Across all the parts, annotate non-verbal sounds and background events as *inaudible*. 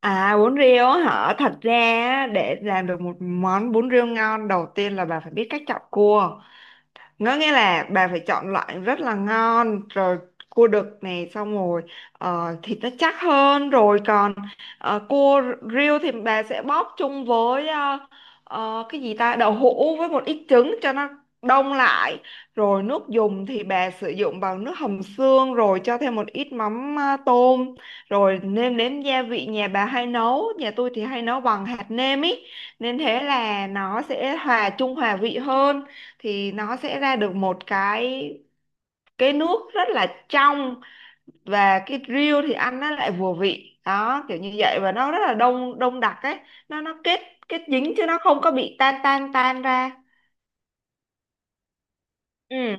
À, bún riêu á hả? Để làm được một món bún riêu ngon, đầu tiên là bà phải biết cách chọn cua. Nó nghĩa là bà phải chọn loại rất là ngon rồi, cua đực này, xong rồi thịt nó chắc hơn rồi, còn cua riêu thì bà sẽ bóp chung với cái gì ta, đậu hũ với một ít trứng cho nó đông lại. Rồi nước dùng thì bà sử dụng bằng nước hầm xương, rồi cho thêm một ít mắm tôm, rồi nêm nếm gia vị. Nhà bà hay nấu, nhà tôi thì hay nấu bằng hạt nêm ý, nên thế là nó sẽ hòa chung, hòa vị hơn, thì nó sẽ ra được một cái nước rất là trong. Và cái riêu thì ăn nó lại vừa vị đó, kiểu như vậy, và nó rất là đông, đông đặc ấy. Nó kết, kết dính chứ nó không có bị tan, tan tan ra. Ừ,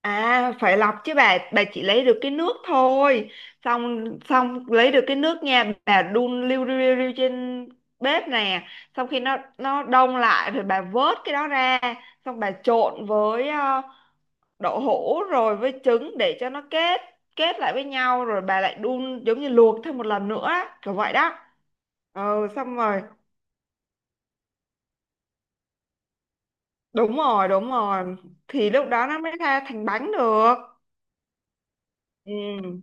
à, phải lọc chứ bà chỉ lấy được cái nước thôi. Xong, xong lấy được cái nước nha, bà đun liu riu, riu riu trên bếp nè. Xong khi nó đông lại rồi, bà vớt cái đó ra, xong bà trộn với đậu hũ rồi với trứng để cho nó kết, kết lại với nhau. Rồi bà lại đun giống như luộc thêm một lần nữa, kiểu vậy đó. Ừ, xong rồi. Đúng rồi, đúng rồi, thì lúc đó nó mới ra thành bánh được. Ừ,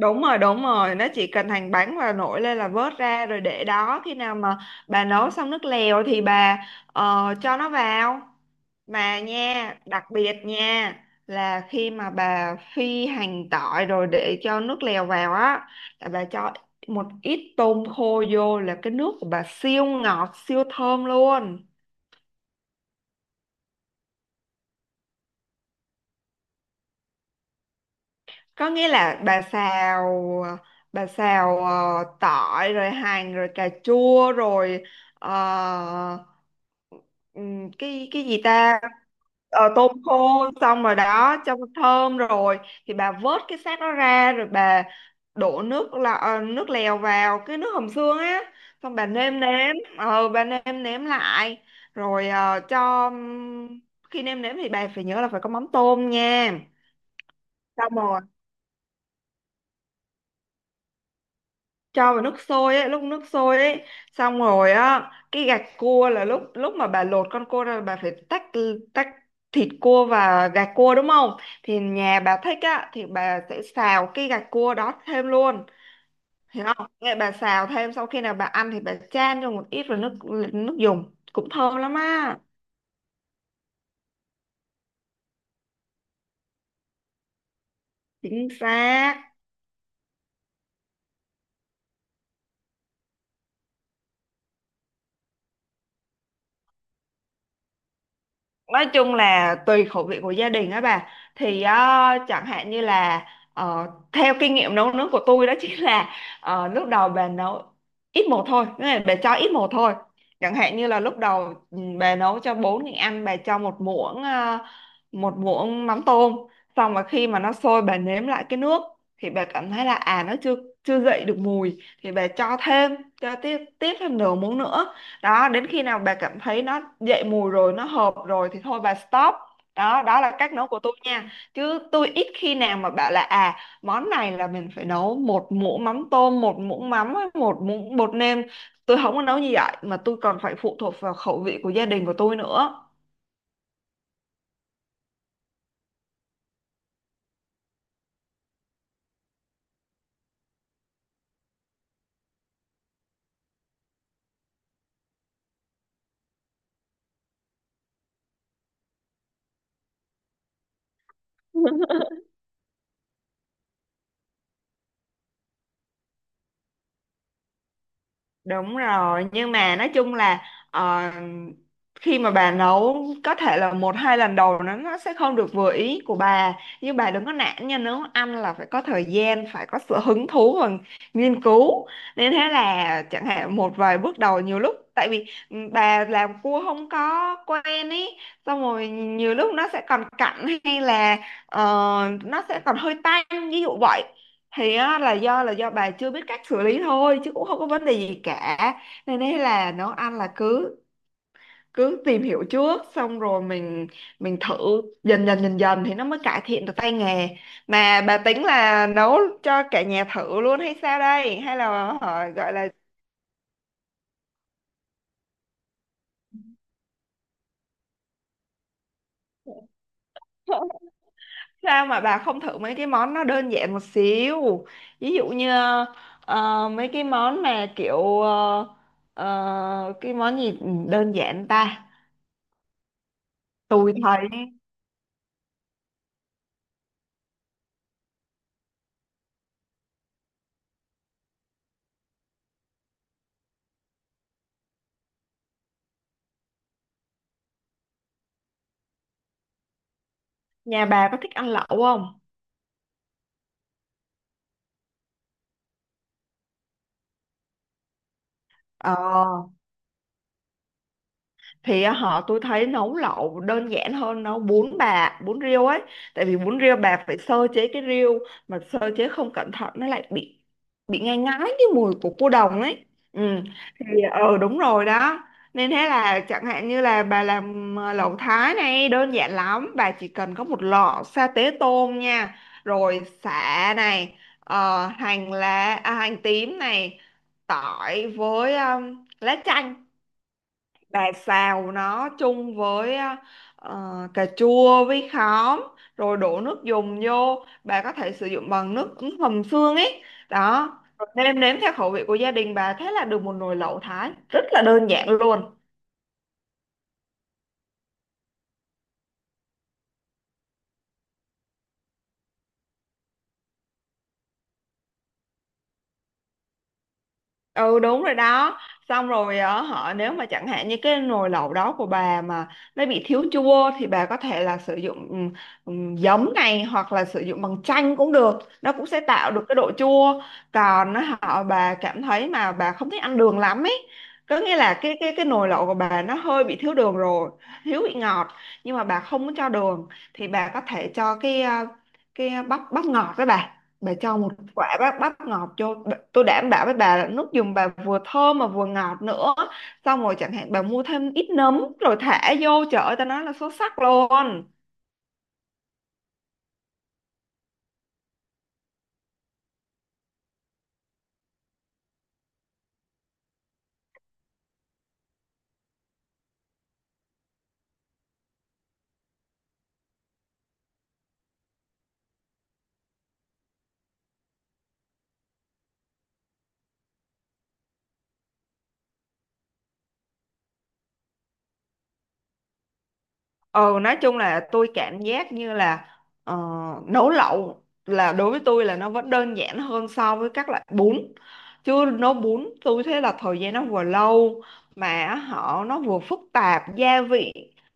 đúng rồi, đúng rồi, nó chỉ cần hành bánh và nổi lên là vớt ra rồi để đó, khi nào mà bà nấu xong nước lèo thì bà cho nó vào. Mà nha, đặc biệt nha, là khi mà bà phi hành tỏi rồi để cho nước lèo vào á, là bà cho một ít tôm khô vô, là cái nước của bà siêu ngọt, siêu thơm luôn. Có nghĩa là bà xào, bà xào tỏi rồi hành rồi cà chua rồi ờ, cái gì ta. Ờ, tôm khô, xong rồi đó, cho thơm rồi thì bà vớt cái xác nó ra, rồi bà đổ nước là nước lèo vào cái nước hầm xương á. Xong bà nêm nếm, bà nêm nếm lại, rồi ờ, cho khi nêm nếm thì bà phải nhớ là phải có mắm tôm nha. Xong rồi cho vào nước sôi ấy, lúc nước sôi ấy. Xong rồi á, cái gạch cua là lúc, lúc mà bà lột con cua ra là bà phải tách, tách thịt cua và gạch cua, đúng không? Thì nhà bà thích á thì bà sẽ xào cái gạch cua đó thêm luôn, hiểu không? Vậy bà xào thêm, sau khi nào bà ăn thì bà chan cho một ít vào nước, nước dùng cũng thơm lắm á. Chính xác, nói chung là tùy khẩu vị của gia đình á bà. Thì chẳng hạn như là ờ, theo kinh nghiệm nấu nướng của tôi đó *laughs* chính là lúc đầu bà nấu ít một thôi, nghĩa là bà cho ít một thôi. Chẳng hạn như là lúc đầu bà nấu cho bốn người ăn, bà cho một muỗng một muỗng mắm tôm. Xong mà khi mà nó sôi bà nếm lại cái nước, thì bà cảm thấy là à nó chưa, chưa dậy được mùi thì bà cho thêm, cho tiếp, tiếp thêm nửa muỗng nữa. Đó, đến khi nào bà cảm thấy nó dậy mùi rồi, nó hợp rồi thì thôi bà stop. Đó, đó là cách nấu của tôi nha, chứ tôi ít khi nào mà bảo là à, món này là mình phải nấu một muỗng mắm tôm, một muỗng mắm với một muỗng bột nêm. Tôi không có nấu như vậy, mà tôi còn phải phụ thuộc vào khẩu vị của gia đình của tôi nữa. *laughs* Đúng rồi, nhưng mà nói chung là ờ, khi mà bà nấu, có thể là một hai lần đầu nó sẽ không được vừa ý của bà, nhưng bà đừng có nản nha, nấu ăn là phải có thời gian, phải có sự hứng thú và nghiên cứu. Nên thế là chẳng hạn một vài bước đầu, nhiều lúc tại vì bà làm cua không có quen ý, xong rồi nhiều lúc nó sẽ còn cặn, hay là ờ, nó sẽ còn hơi tanh, ví dụ vậy, thì á, là do bà chưa biết cách xử lý thôi, chứ cũng không có vấn đề gì cả. Nên đấy, là nấu ăn là cứ, cứ tìm hiểu trước, xong rồi mình thử dần dần, dần dần thì nó mới cải thiện được tay nghề. Mà bà tính là nấu cho cả nhà thử luôn hay sao đây, hay là hả, gọi là *laughs* sao mà bà không thử mấy cái món nó đơn giản một xíu? Ví dụ như mấy cái món mà kiểu cái món gì đơn giản ta. Tôi thấy nhà bà có thích ăn lẩu không? Ờ, thì á, họ tôi thấy nấu lẩu đơn giản hơn nấu bún bà, bún riêu ấy. Tại vì bún riêu bà phải sơ chế cái riêu, mà sơ chế không cẩn thận nó lại bị ngai ngái cái mùi của cua đồng ấy. Ừ, thì ờ, đúng rồi đó. Nên thế là chẳng hạn như là bà làm lẩu Thái này, đơn giản lắm, bà chỉ cần có một lọ sa tế tôm nha, rồi sả này, hành lá, à, hành tím này, tỏi với lá chanh. Bà xào nó chung với cà chua với khóm, rồi đổ nước dùng vô, bà có thể sử dụng bằng nước ứng hầm xương ấy đó. Rồi nêm nếm theo khẩu vị của gia đình bà, thế là được một nồi lẩu Thái rất là đơn giản luôn. Ừ, đúng rồi đó. Xong rồi ở họ, nếu mà chẳng hạn như cái nồi lẩu đó của bà mà nó bị thiếu chua, thì bà có thể là sử dụng giấm này, hoặc là sử dụng bằng chanh cũng được, nó cũng sẽ tạo được cái độ chua. Còn á, họ bà cảm thấy mà bà không thích ăn đường lắm ấy, có nghĩa là cái nồi lẩu của bà nó hơi bị thiếu đường rồi, thiếu vị ngọt, nhưng mà bà không muốn cho đường, thì bà có thể cho cái à, cái bắp, bắp ngọt đó bà. Bà cho một quả bắp, bắp ngọt cho bà- tôi đảm bảo với bà là nước dùng bà vừa thơm mà vừa ngọt nữa. Xong rồi chẳng hạn bà mua thêm ít nấm rồi thả vô, trời ơi ta nói là xuất sắc luôn. Ừ, nói chung là tôi cảm giác như là ờ, nấu lẩu là đối với tôi là nó vẫn đơn giản hơn so với các loại bún. Chưa nấu bún, tôi thấy là thời gian nó vừa lâu, mà họ nó vừa phức tạp gia vị.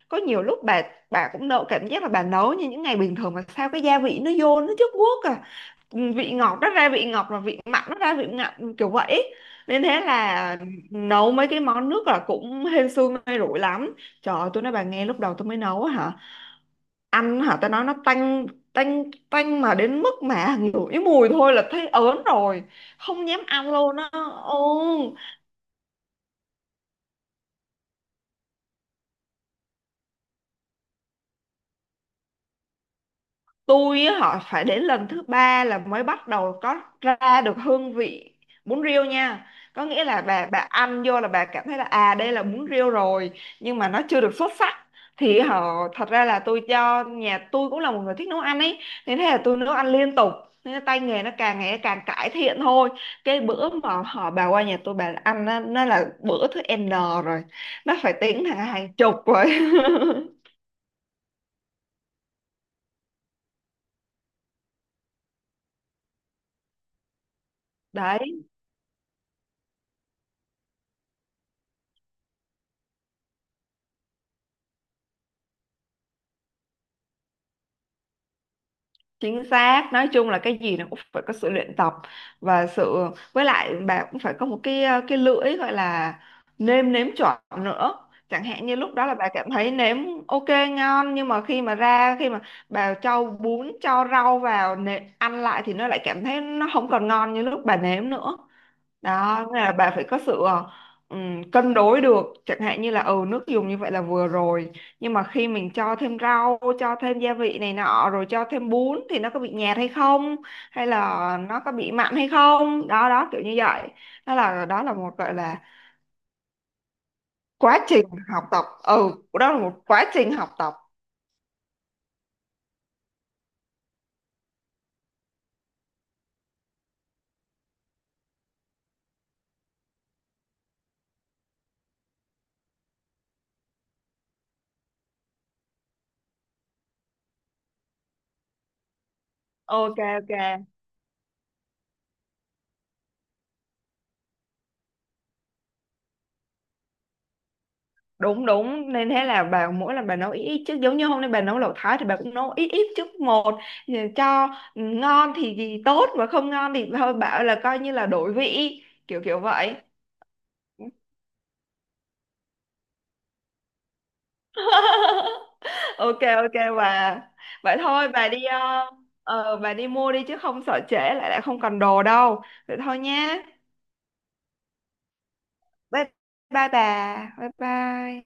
Có nhiều lúc bà cũng nấu cảm giác là bà nấu như những ngày bình thường, mà sao cái gia vị nó vô nó chất guốc à. Ừ, vị ngọt nó ra vị ngọt, và vị mặn nó ra vị mặn, kiểu vậy. Nên thế là nấu mấy cái món nước là cũng hên xui may rủi lắm. Trời ơi tôi nói bà nghe, lúc đầu tôi mới nấu á hả, ăn hả tao nói nó tanh, tanh, tanh mà đến mức mà *laughs* ngửi mùi thôi là thấy ớn rồi, không dám ăn luôn á. Ừ, tôi á, họ phải đến lần thứ ba là mới bắt đầu có ra được hương vị bún riêu nha. Có nghĩa là bà ăn vô là bà cảm thấy là à đây là bún riêu rồi, nhưng mà nó chưa được xuất sắc. Thì họ thật ra là tôi cho nhà tôi cũng là một người thích nấu ăn ấy, nên thế là tôi nấu ăn liên tục, nên là tay nghề nó càng ngày càng cải thiện thôi. Cái bữa mà họ bà qua nhà tôi bà ăn nó là bữa thứ N rồi, nó phải tính hàng, hàng chục rồi. *laughs* Đấy. Chính xác, nói chung là cái gì nó cũng phải có sự luyện tập và sự, với lại bà cũng phải có một cái cái lưỡi gọi là nêm nếm chuẩn nữa. Chẳng hạn như lúc đó là bà cảm thấy nếm ok ngon, nhưng mà khi mà ra, khi mà bà cho bún cho rau vào nè, ăn lại thì nó lại cảm thấy nó không còn ngon như lúc bà nếm nữa. Đó, nghĩa là bà phải có sự cân đối được, chẳng hạn như là ừ nước dùng như vậy là vừa rồi, nhưng mà khi mình cho thêm rau, cho thêm gia vị này nọ, rồi cho thêm bún, thì nó có bị nhạt hay không, hay là nó có bị mặn hay không, đó đó kiểu như vậy. Đó là, đó là một gọi là quá trình học tập, ừ đó là một quá trình học tập. Ok, ok, đúng đúng. Nên thế là bà mỗi lần bà nấu ít ít, chứ giống như hôm nay bà nấu lẩu Thái thì bà cũng nấu ít ít chút một, cho ngon thì tốt, mà không ngon thì thôi bảo là coi như là đổi vị, kiểu kiểu vậy. *laughs* Ok, ok bà. Vậy thôi bà đi bà đi mua đi, chứ không sợ trễ lại, lại không còn đồ đâu. Vậy thôi nhé, bye bye bà, bye bye.